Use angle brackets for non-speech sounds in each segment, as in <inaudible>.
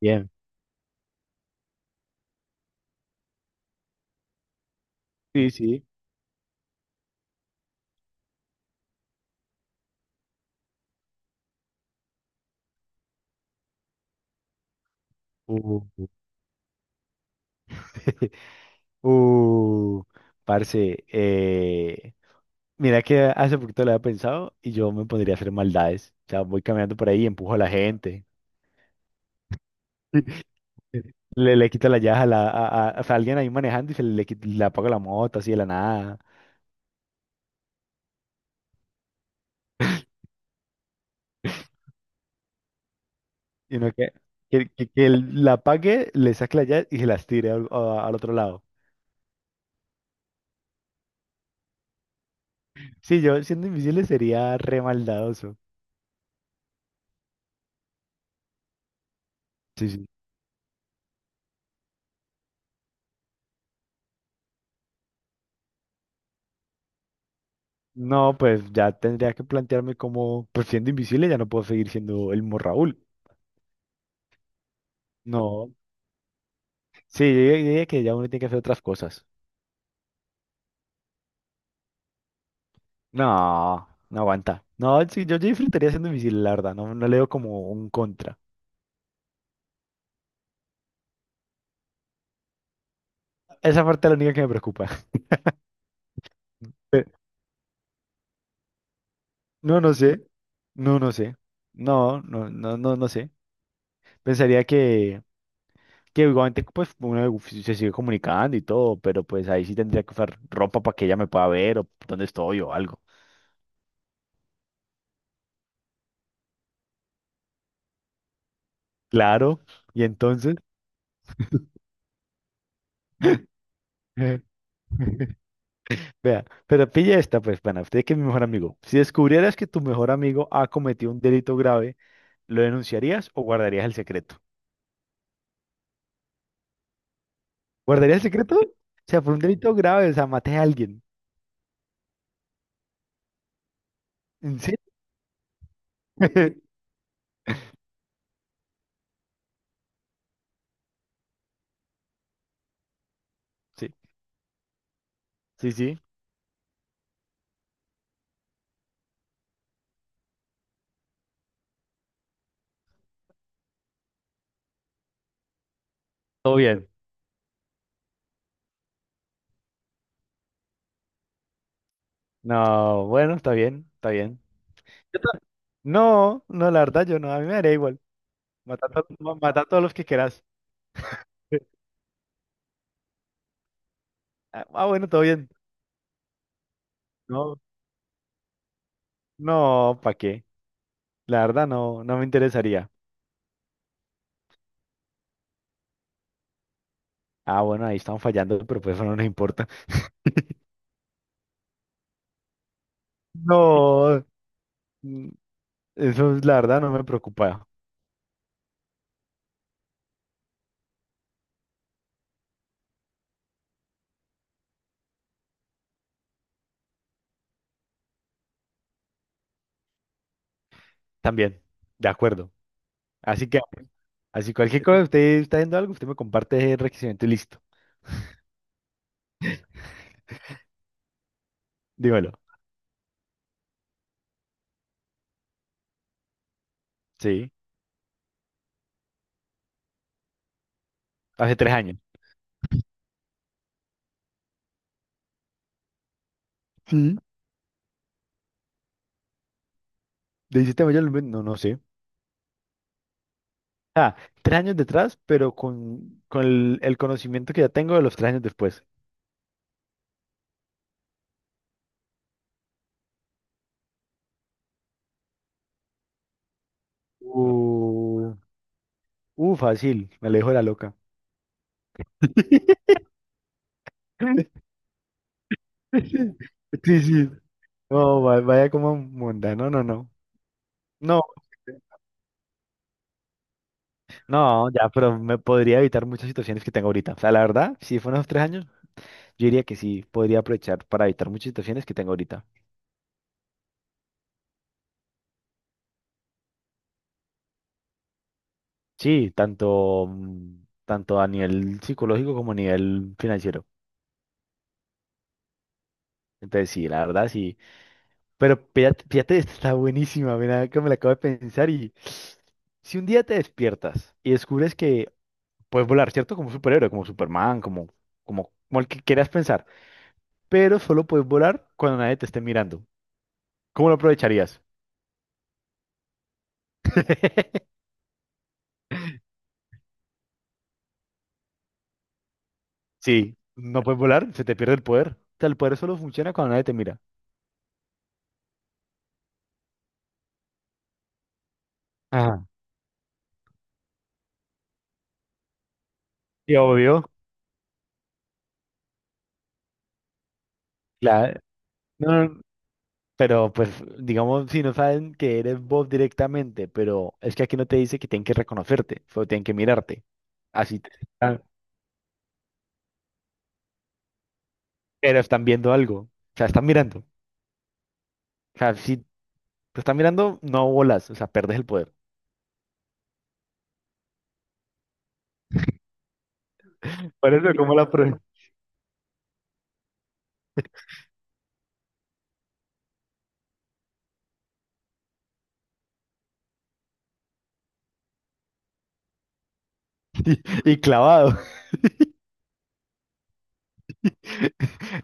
Bien, sí, sí. Uh, uh, <laughs> Uh, parce, mira que hace poquito lo había pensado y yo me pondría a hacer maldades. O sea, voy caminando por ahí y empujo a la gente. <laughs> Le quito la llaves a o sea, alguien ahí manejando y se le, le apago la moto así de la nada. Y no que, que él la apague, le saque la llave y se las tire al, al otro lado. Sí, yo siendo invisible sería re maldadoso. Sí, sí. No, pues ya tendría que plantearme cómo, pues siendo invisible ya no puedo seguir siendo el mismo Raúl. No, sí, yo diría que ya uno tiene que hacer otras cosas. No, no aguanta. No, sí, yo disfrutaría siendo invisible, la verdad, no, no le veo como un contra. Esa parte es la única que me preocupa. <laughs> Pe- No, no sé. No, no sé. No, no, no, no, no sé. Pensaría que igualmente pues uno se sigue comunicando y todo, pero pues ahí sí tendría que usar ropa para que ella me pueda ver o dónde estoy o algo. Claro. Y entonces, <laughs> Vea, pero pilla esta, pues, pana. Usted que es mi mejor amigo. Si descubrieras que tu mejor amigo ha cometido un delito grave, ¿lo denunciarías o guardarías el secreto? ¿Guardarías el secreto? O sea, por un delito grave, o sea, maté a alguien. ¿En serio? <laughs> Sí, sí, sí. Todo bien. No, bueno, está bien, está bien. Yo ta- No, no, la verdad, yo no. A mí me daría igual. Mata a, mata a todos los que quieras. <laughs> Ah, bueno, todo bien. No, no, ¿para qué? La verdad, no, no me interesaría. Ah, bueno, ahí están fallando, pero pues eso no nos importa. No, mm, eso es la verdad, no me preocupa. También, de acuerdo. Así que, así cualquier cosa, usted está haciendo algo, usted me comparte el requisito y listo. Dímelo. Sí, hace 3 años. Sí. ¿De hiciste mayor? No, no sé. Ah, 3 años detrás, pero con el conocimiento que ya tengo de los 3 años después. Uh, fácil, me alejo de la loca. <laughs> Sí, sí. No, vaya como mundano, no, no. No, No, ya, pero me podría evitar muchas situaciones que tengo ahorita. O sea, la verdad, si fueron unos 3 años, yo diría que sí, podría aprovechar para evitar muchas situaciones que tengo ahorita. Sí, tanto, tanto a nivel psicológico como a nivel financiero. Entonces, sí, la verdad, sí. Pero fíjate, fíjate, <laughs> esta está buenísima, mira, que me la acabo de pensar y <sniffs> si un día te despiertas y descubres que puedes volar, ¿cierto? Como un superhéroe, como Superman, como, como el que quieras pensar, pero solo puedes volar cuando nadie te esté mirando. ¿Cómo lo aprovecharías? <laughs> Sí, no puedes volar, se te pierde el poder. O sea, el poder solo funciona cuando nadie te mira. Ajá. Y obvio, claro. No, no, pero pues, digamos, si no saben que eres vos directamente, pero es que aquí no te dice que tienen que reconocerte, solo tienen que mirarte. Así te- Ah, pero están viendo algo. O sea, están mirando. O sea, si te están mirando, no volas, o sea, perdes el poder. Por eso, ¿cómo la prueba? <laughs> Y, y clavado. <laughs>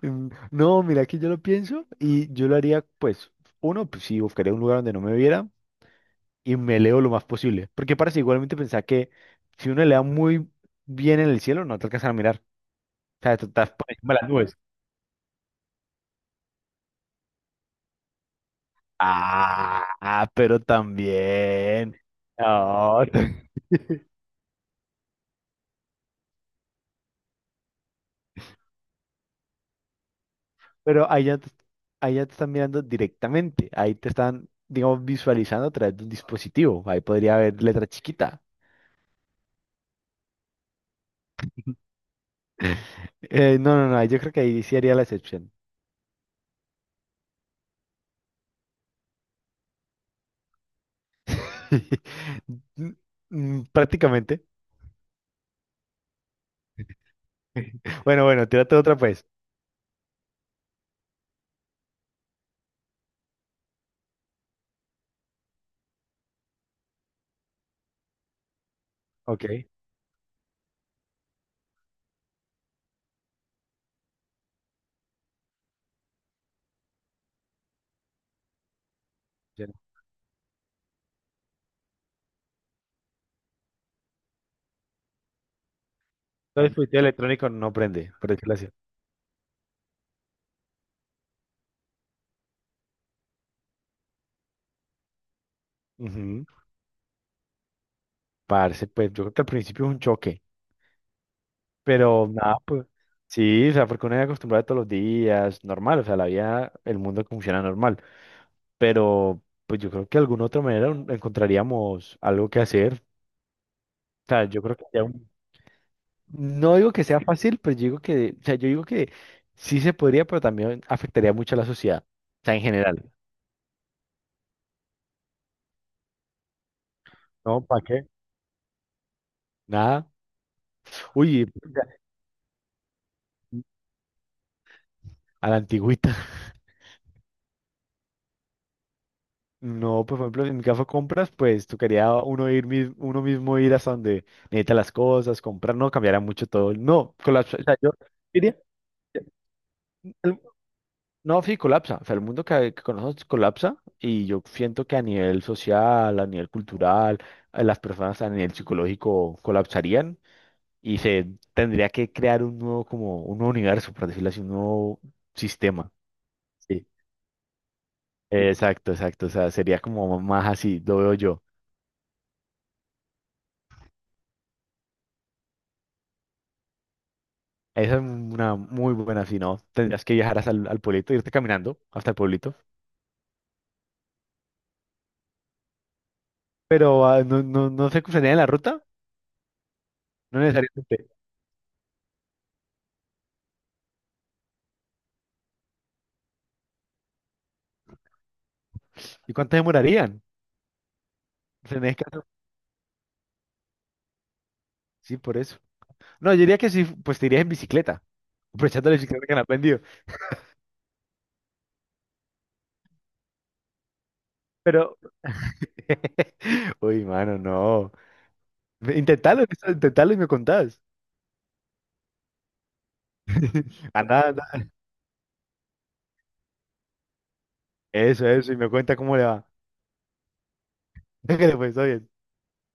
No, mira que yo lo pienso y yo lo haría, pues, uno, pues sí, buscaría un lugar donde no me viera. Y me leo lo más posible. Porque parece igualmente pensar que si uno lea muy bien en el cielo, no te alcanzan a mirar. O sea, tú estás por encima de las nubes. Ah, pero también. No, <laughs> pero allá, allá te están mirando directamente. Ahí te están, digamos, visualizando a través de un dispositivo. Ahí podría haber letra chiquita. No, no, no, yo creo que ahí sí haría la excepción. <laughs> Prácticamente. <laughs> Bueno, bueno, tírate otra pues. Ok. Todo el fuiteo electrónico no prende, por decirlo así. Ujú. Parce, pues yo creo que al principio es un choque, pero nada, pues sí, o sea, porque uno es acostumbrado todos los días, normal, o sea, la vida, el mundo funciona normal, pero pues yo creo que de alguna otra manera encontraríamos algo que hacer, o sea, yo creo que ya no digo que sea fácil, pero yo digo que, o sea, yo digo que sí se podría, pero también afectaría mucho a la sociedad, o sea, en general, ¿no? ¿Para qué? Nada. Uy, a la antigüita. No, pues, por ejemplo, en mi caso compras, pues tocaría uno ir uno mismo ir hasta donde necesita las cosas, comprar, no cambiará mucho todo. No, colapsa. O sea, yo diría, el- no, sí, colapsa. O sea, el mundo que conocemos colapsa y yo siento que a nivel social, a nivel cultural, a las personas a nivel psicológico colapsarían y se tendría que crear un nuevo, como un nuevo universo, por decirlo así, un nuevo sistema. Sí. Exacto, exacto. O sea, sería como más así, lo veo yo. Esa es una muy buena, si no, tendrías que viajar hasta el, al pueblito, irte caminando hasta el pueblito. Pero ah, no, no, no se cruzarían en la ruta, no necesariamente. ¿Y cuánto demorarían? ¿Tenés que hacer- Sí, por eso. No, yo diría que sí, pues te irías en bicicleta, aprovechando la bicicleta que han aprendido. Pero, <laughs> uy, mano, no. Intentalo, intentalo y me contás. <laughs> Anda, anda. Eso, y me cuenta cómo le va. <laughs> Que le fue, está bien.